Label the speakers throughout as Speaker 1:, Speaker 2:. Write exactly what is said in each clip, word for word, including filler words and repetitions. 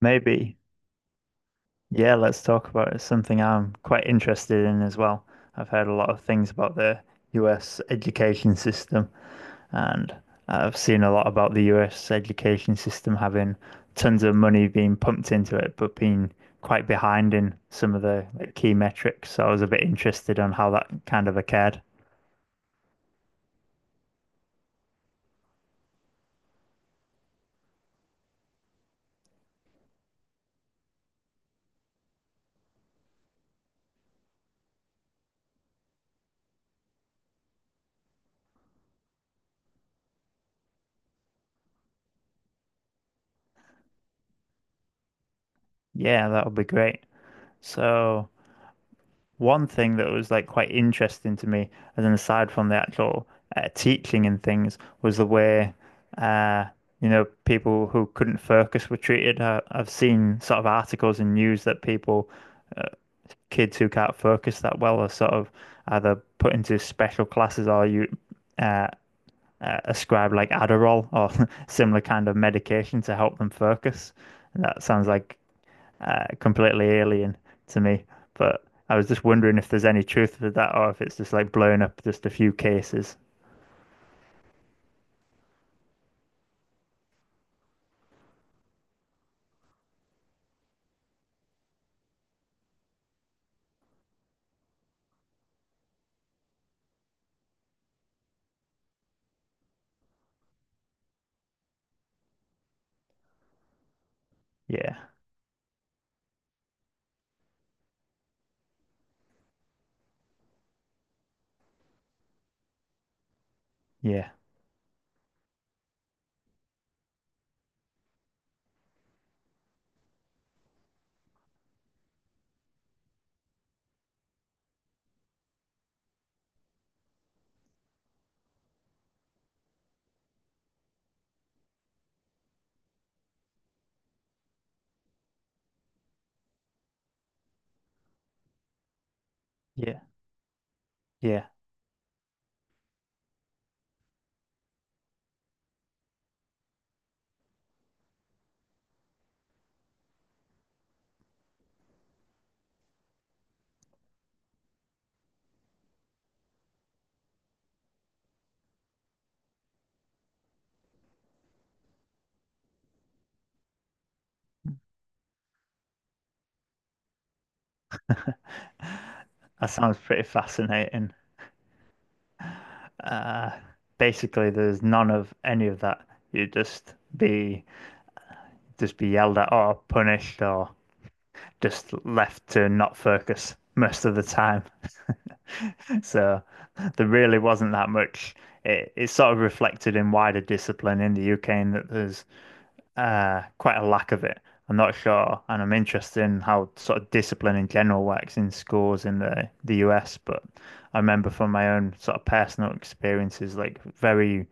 Speaker 1: Maybe. Yeah, let's talk about it. It's something I'm quite interested in as well. I've heard a lot of things about the U S education system, and I've seen a lot about the U S education system having tons of money being pumped into it, but being quite behind in some of the like, key metrics. So I was a bit interested on how that kind of occurred. Yeah, that would be great. So One thing that was like quite interesting to me, as an aside from the actual uh, teaching and things, was the way uh, you know people who couldn't focus were treated. Uh, I've seen sort of articles and news that people, uh, kids who can't focus that well, are sort of either put into special classes or you uh, uh, ascribe like Adderall or similar kind of medication to help them focus. And that sounds like uh, completely alien to me. But I was just wondering if there's any truth to that or if it's just like blowing up just a few cases. Yeah, yeah, yeah, yeah. That sounds pretty fascinating. Uh, basically, there's none of any of that. You just be just be yelled at or punished or just left to not focus most of the time. So there really wasn't that much. It, it's sort of reflected in wider discipline in the U K, in that there's uh, quite a lack of it. I'm not sure, and I'm interested in how sort of discipline in general works in schools in the the U S. But I remember from my own sort of personal experiences, like very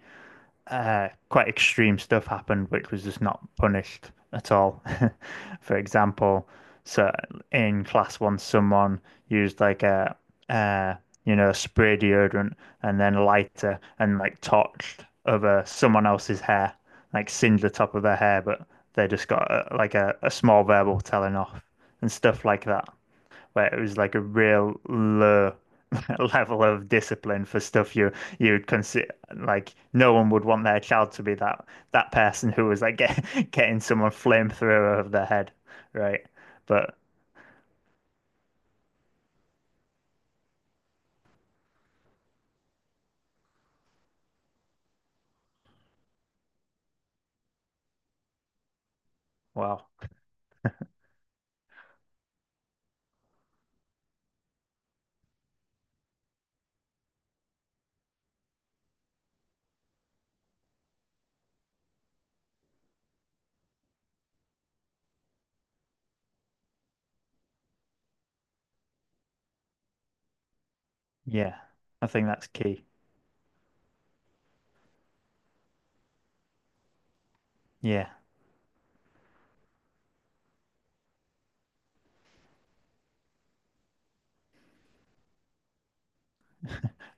Speaker 1: uh, quite extreme stuff happened, which was just not punished at all. For example, so in class once someone used like a, uh, you know, spray deodorant and then lighter and like torched over someone else's hair, like singed the top of their hair, but they just got a, like a, a small verbal telling off and stuff like that where it was like a real low level of discipline for stuff you you would consider like no one would want their child to be that that person who was like get, getting someone flamethrower over their head, right? But wow, yeah, I think that's key. Yeah,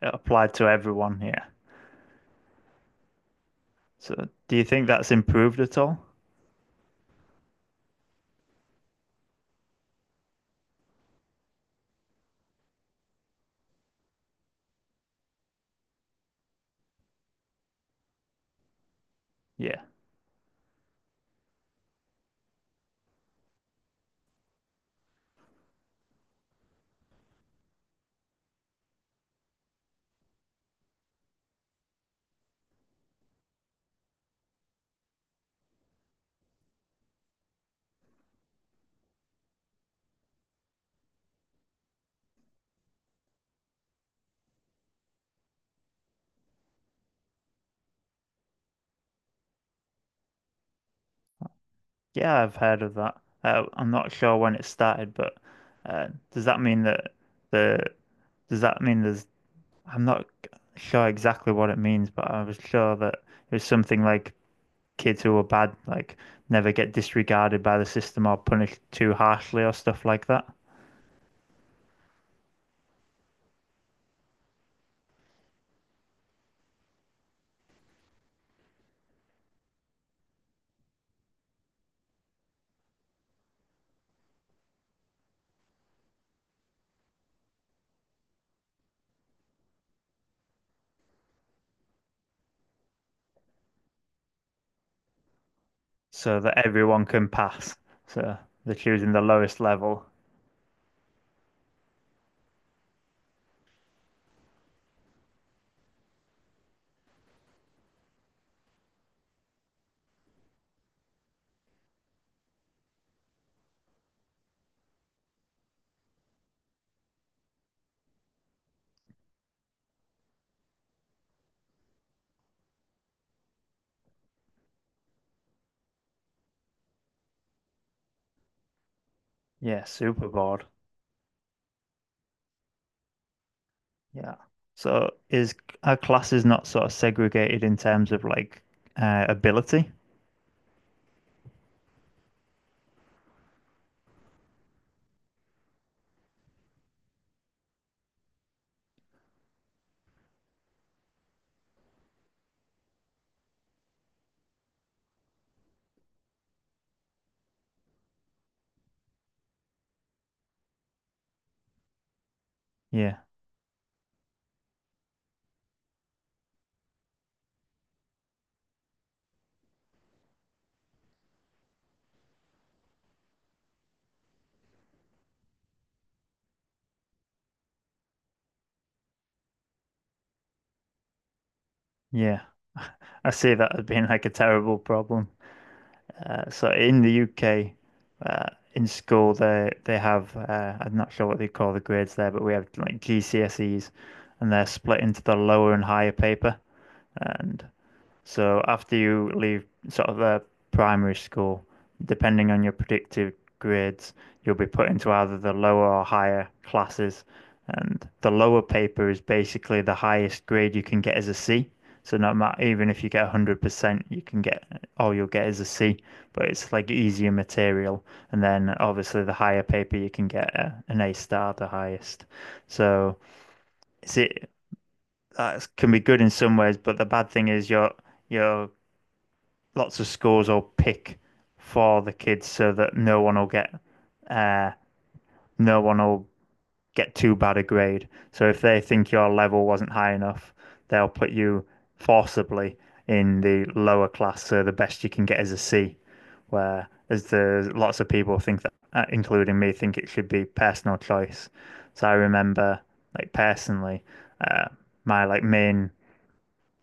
Speaker 1: it applied to everyone. Yeah. So do you think that's improved at all? Yeah, yeah, I've heard of that. Uh, I'm not sure when it started, but uh, does that mean that the does that mean there's I'm not sure exactly what it means, but I was sure that it was something like kids who were bad, like never get disregarded by the system or punished too harshly or stuff like that, so that everyone can pass. So they're choosing the lowest level. Yeah, super bored. Yeah. So is our classes not sort of segregated in terms of like uh, ability? Yeah, yeah. I see that as being like a terrible problem. Uh, so in the U K, uh, in school, they they have uh, I'm not sure what they call the grades there, but we have like G C S Es, and they're split into the lower and higher paper. And so after you leave sort of uh, primary school, depending on your predicted grades, you'll be put into either the lower or higher classes. And the lower paper is basically the highest grade you can get as a C. So not matter, even if you get one hundred percent, you can get all you'll get is a C, but it's like easier material. And then obviously the higher paper you can get uh, an A star, the highest. So it's it that can be good in some ways, but the bad thing is you're you're lots of scores or pick for the kids so that no one will get uh, no one will get too bad a grade. So if they think your level wasn't high enough, they'll put you forcibly in the lower class. So the best you can get is a C. Where as the lots of people think that, uh, including me, think it should be personal choice. So I remember, like personally, uh, my like main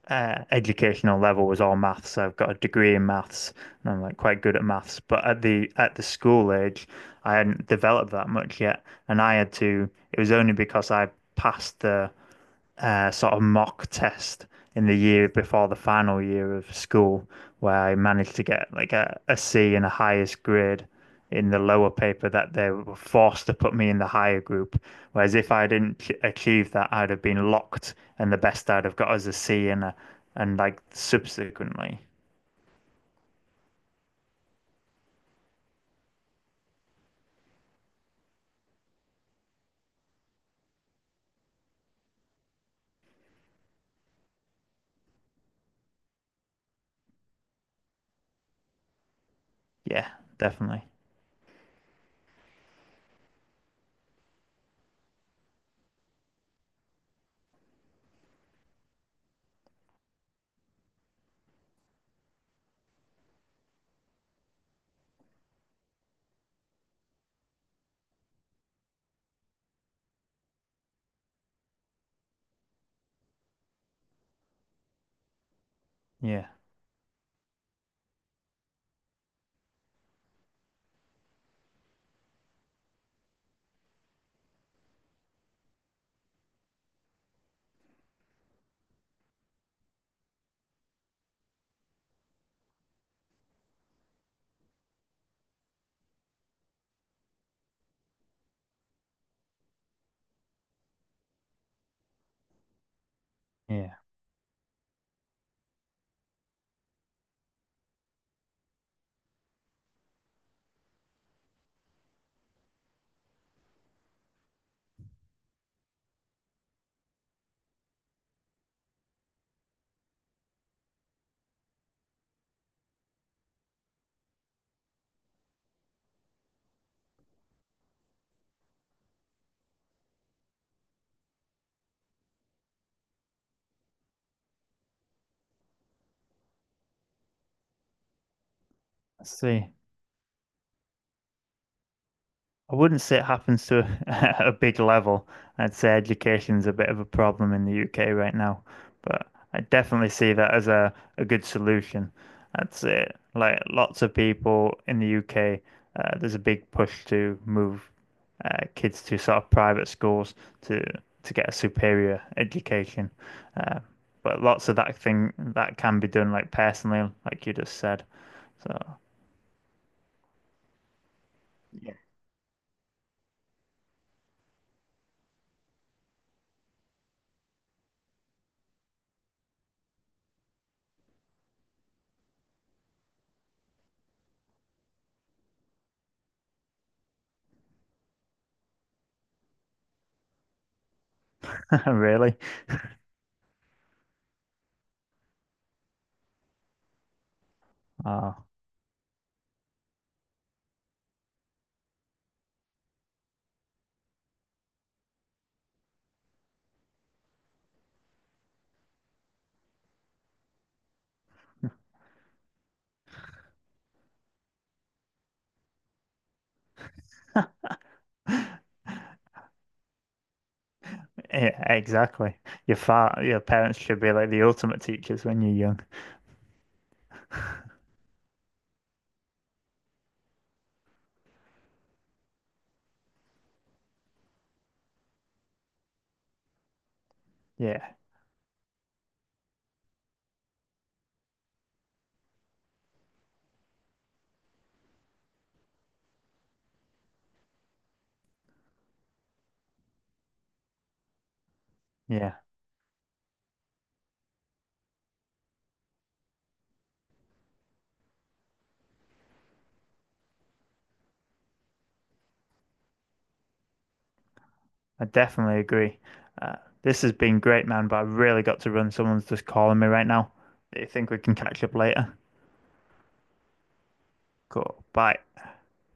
Speaker 1: uh, educational level was all maths. So I've got a degree in maths, and I'm like quite good at maths. But at the at the school age, I hadn't developed that much yet, and I had to. It was only because I passed the uh, sort of mock test in the year before the final year of school, where I managed to get like a, a C in the highest grade in the lower paper that they were forced to put me in the higher group. Whereas if I didn't achieve that, I'd have been locked, and the best I'd have got is a C and a, and like subsequently, yeah, definitely, yeah, yeah. Let's see. I wouldn't say it happens to a, a big level. I'd say education's a bit of a problem in the U K right now, but I definitely see that as a, a good solution. That's it. Like lots of people in the U K, uh, there's a big push to move uh, kids to sort of private schools to to get a superior education. Uh, but lots of that thing that can be done like personally, like you just said. So really, oh. Yeah, exactly. Your fa your parents should be like the ultimate teachers when you're young. Yeah, yeah, I definitely agree. Uh, this has been great, man, but I really got to run. Someone's just calling me right now. Do you think we can catch up later? Cool. Bye.